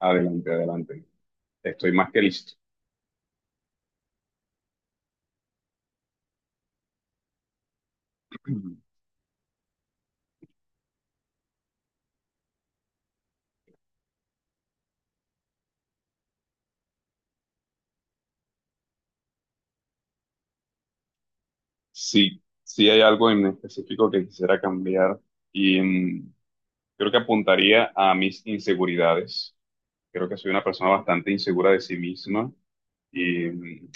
Adelante, adelante. Estoy más que listo. Sí, sí hay algo en específico que quisiera cambiar y creo que apuntaría a mis inseguridades. Creo que soy una persona bastante insegura de sí misma y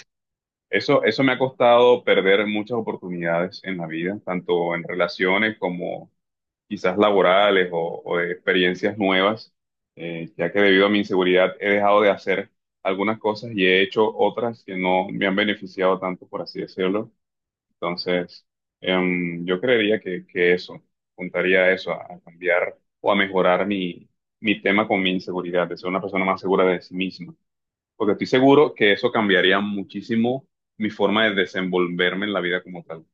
eso me ha costado perder muchas oportunidades en la vida, tanto en relaciones como quizás laborales o de experiencias nuevas, ya que debido a mi inseguridad he dejado de hacer algunas cosas y he hecho otras que no me han beneficiado tanto, por así decirlo. Entonces, yo creería que eso, apuntaría a eso, a cambiar o a mejorar mi, mi tema con mi inseguridad, de ser una persona más segura de sí misma, porque estoy seguro que eso cambiaría muchísimo mi forma de desenvolverme en la vida como tal.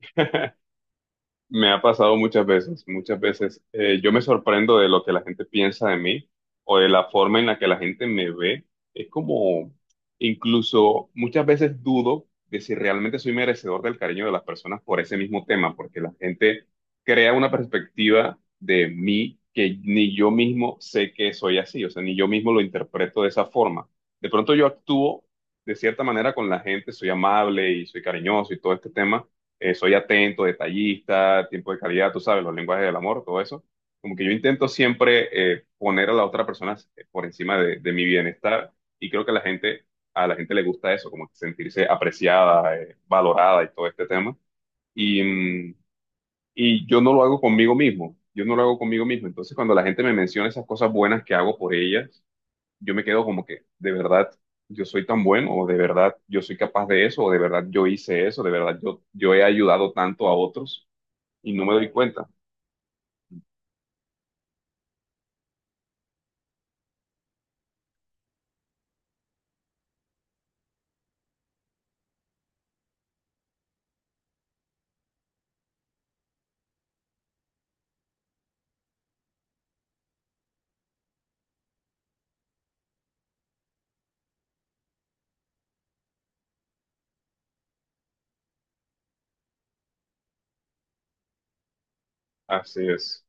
Me ha pasado muchas veces, muchas veces. Yo me sorprendo de lo que la gente piensa de mí o de la forma en la que la gente me ve. Es como, incluso muchas veces dudo de si realmente soy merecedor del cariño de las personas por ese mismo tema, porque la gente crea una perspectiva de mí que ni yo mismo sé que soy así, o sea, ni yo mismo lo interpreto de esa forma. De pronto yo actúo de cierta manera con la gente, soy amable y soy cariñoso y todo este tema, soy atento, detallista, tiempo de calidad, tú sabes, los lenguajes del amor, todo eso. Como que yo intento siempre poner a la otra persona por encima de mi bienestar y creo que la gente, a la gente le gusta eso, como que sentirse apreciada, valorada y todo este tema. Y, mm, y yo no lo hago conmigo mismo, yo no lo hago conmigo mismo. Entonces, cuando la gente me menciona esas cosas buenas que hago por ellas, yo me quedo como que, de verdad, yo soy tan bueno, o de verdad, yo soy capaz de eso, o de verdad, yo hice eso, de verdad, yo he ayudado tanto a otros y no me doy cuenta. Así es.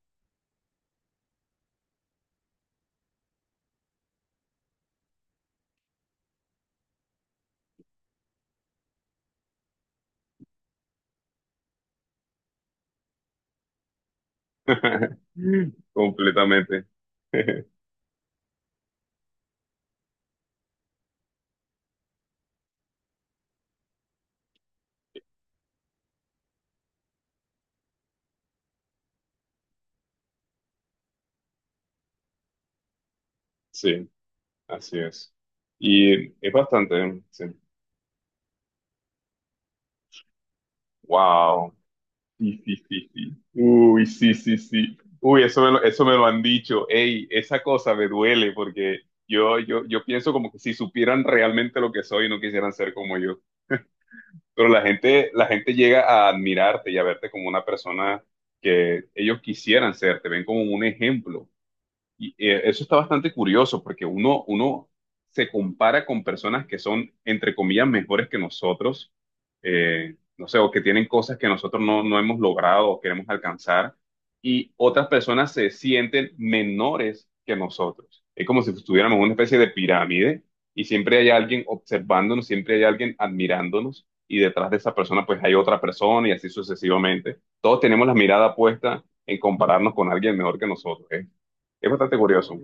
Completamente. Sí, así es. Y es bastante, ¿eh? Sí. Wow. Sí, sí, sí, sí. Uy, sí, sí, sí. Uy, eso me lo han dicho. Ey, esa cosa me duele porque yo pienso como que si supieran realmente lo que soy, no quisieran ser como yo. Pero la gente llega a admirarte y a verte como una persona que ellos quisieran ser, te ven como un ejemplo. Y eso está bastante curioso porque uno se compara con personas que son, entre comillas, mejores que nosotros, no sé, o que tienen cosas que nosotros no hemos logrado o queremos alcanzar, y otras personas se sienten menores que nosotros. Es como si estuviéramos en una especie de pirámide y siempre hay alguien observándonos, siempre hay alguien admirándonos, y detrás de esa persona pues hay otra persona y así sucesivamente. Todos tenemos la mirada puesta en compararnos con alguien mejor que nosotros. ¿Eh? Es bastante curioso.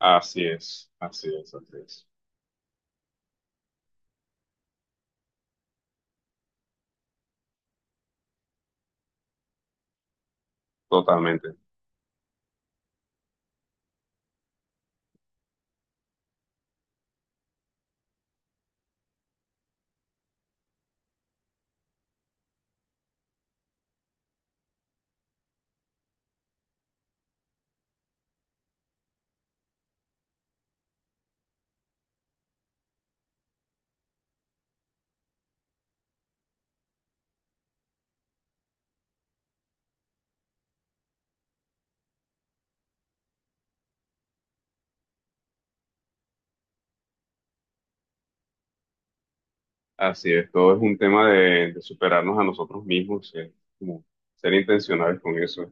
Así es, así es, así es. Totalmente. Así es. Todo es un tema de superarnos a nosotros mismos, como ser intencionales con eso.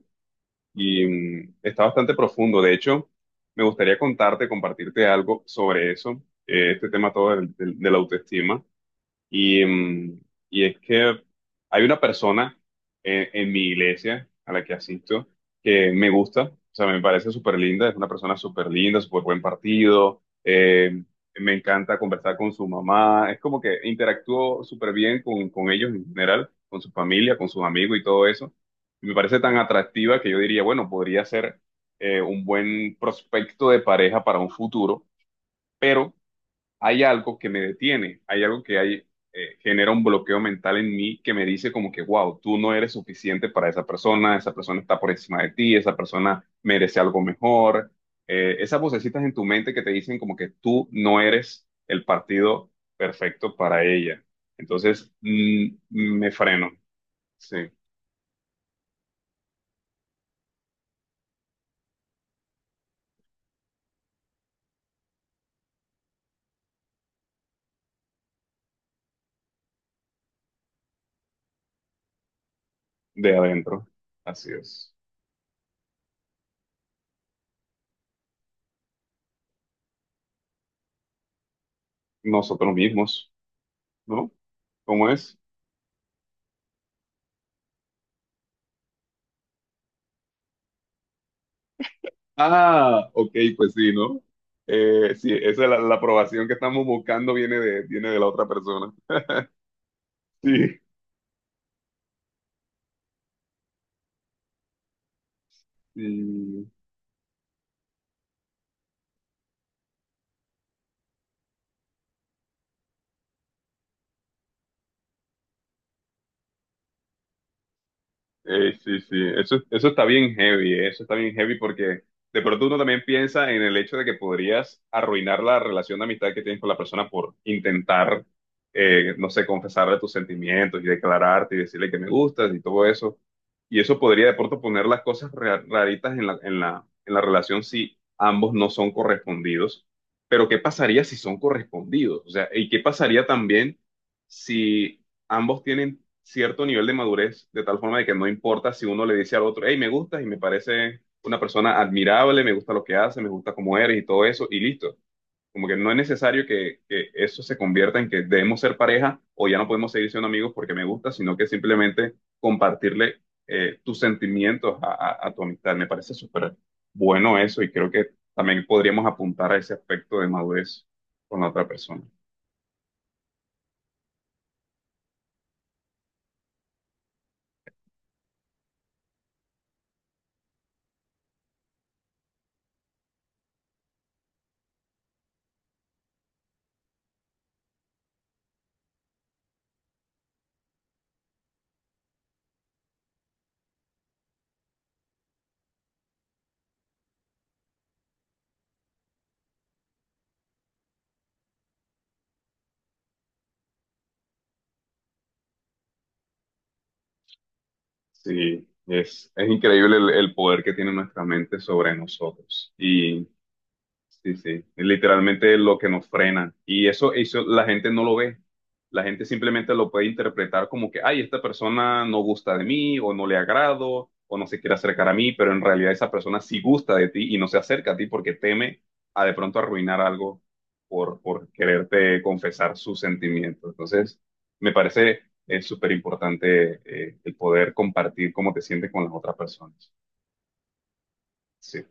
Y está bastante profundo. De hecho, me gustaría contarte, compartirte algo sobre eso, este tema todo de la autoestima. Y, mm, y es que hay una persona en mi iglesia a la que asisto que me gusta, o sea, me parece súper linda, es una persona súper linda, súper buen partido, me encanta conversar con su mamá, es como que interactúo súper bien con ellos en general, con su familia, con sus amigos y todo eso. Y me parece tan atractiva que yo diría, bueno, podría ser un buen prospecto de pareja para un futuro, pero hay algo que me detiene, hay algo que hay, genera un bloqueo mental en mí que me dice como que, wow, tú no eres suficiente para esa persona está por encima de ti, esa persona merece algo mejor. Esas vocecitas en tu mente que te dicen como que tú no eres el partido perfecto para ella. Entonces, me freno, sí, de adentro. Así es. Nosotros mismos, ¿no? ¿Cómo es? Ah, ok, pues sí, ¿no? Sí, esa es la, la aprobación que estamos buscando viene de la otra persona. Sí, sí. Sí, sí, eso está bien heavy, eso está bien heavy porque de pronto uno también piensa en el hecho de que podrías arruinar la relación de amistad que tienes con la persona por intentar, no sé, confesarle tus sentimientos y declararte y decirle que me gustas y todo eso. Y eso podría de pronto poner las cosas raritas en la relación si ambos no son correspondidos. Pero ¿qué pasaría si son correspondidos? O sea, ¿y qué pasaría también si ambos tienen cierto nivel de madurez, de tal forma de que no importa si uno le dice al otro, hey, me gustas y me parece una persona admirable, me gusta lo que hace, me gusta cómo eres y todo eso, y listo. Como que no es necesario que eso se convierta en que debemos ser pareja o ya no podemos seguir siendo amigos porque me gusta, sino que simplemente compartirle tus sentimientos a, a tu amistad. Me parece súper bueno eso y creo que también podríamos apuntar a ese aspecto de madurez con la otra persona. Sí, es increíble el poder que tiene nuestra mente sobre nosotros. Y sí, sí, es literalmente lo que nos frena. Y eso la gente no lo ve. La gente simplemente lo puede interpretar como que, ay, esta persona no gusta de mí, o no le agrado, o no se quiere acercar a mí, pero en realidad esa persona sí gusta de ti y no se acerca a ti porque teme a de pronto arruinar algo por quererte confesar sus sentimientos. Entonces, me parece es súper importante el poder compartir cómo te sientes con las otras personas. Sí.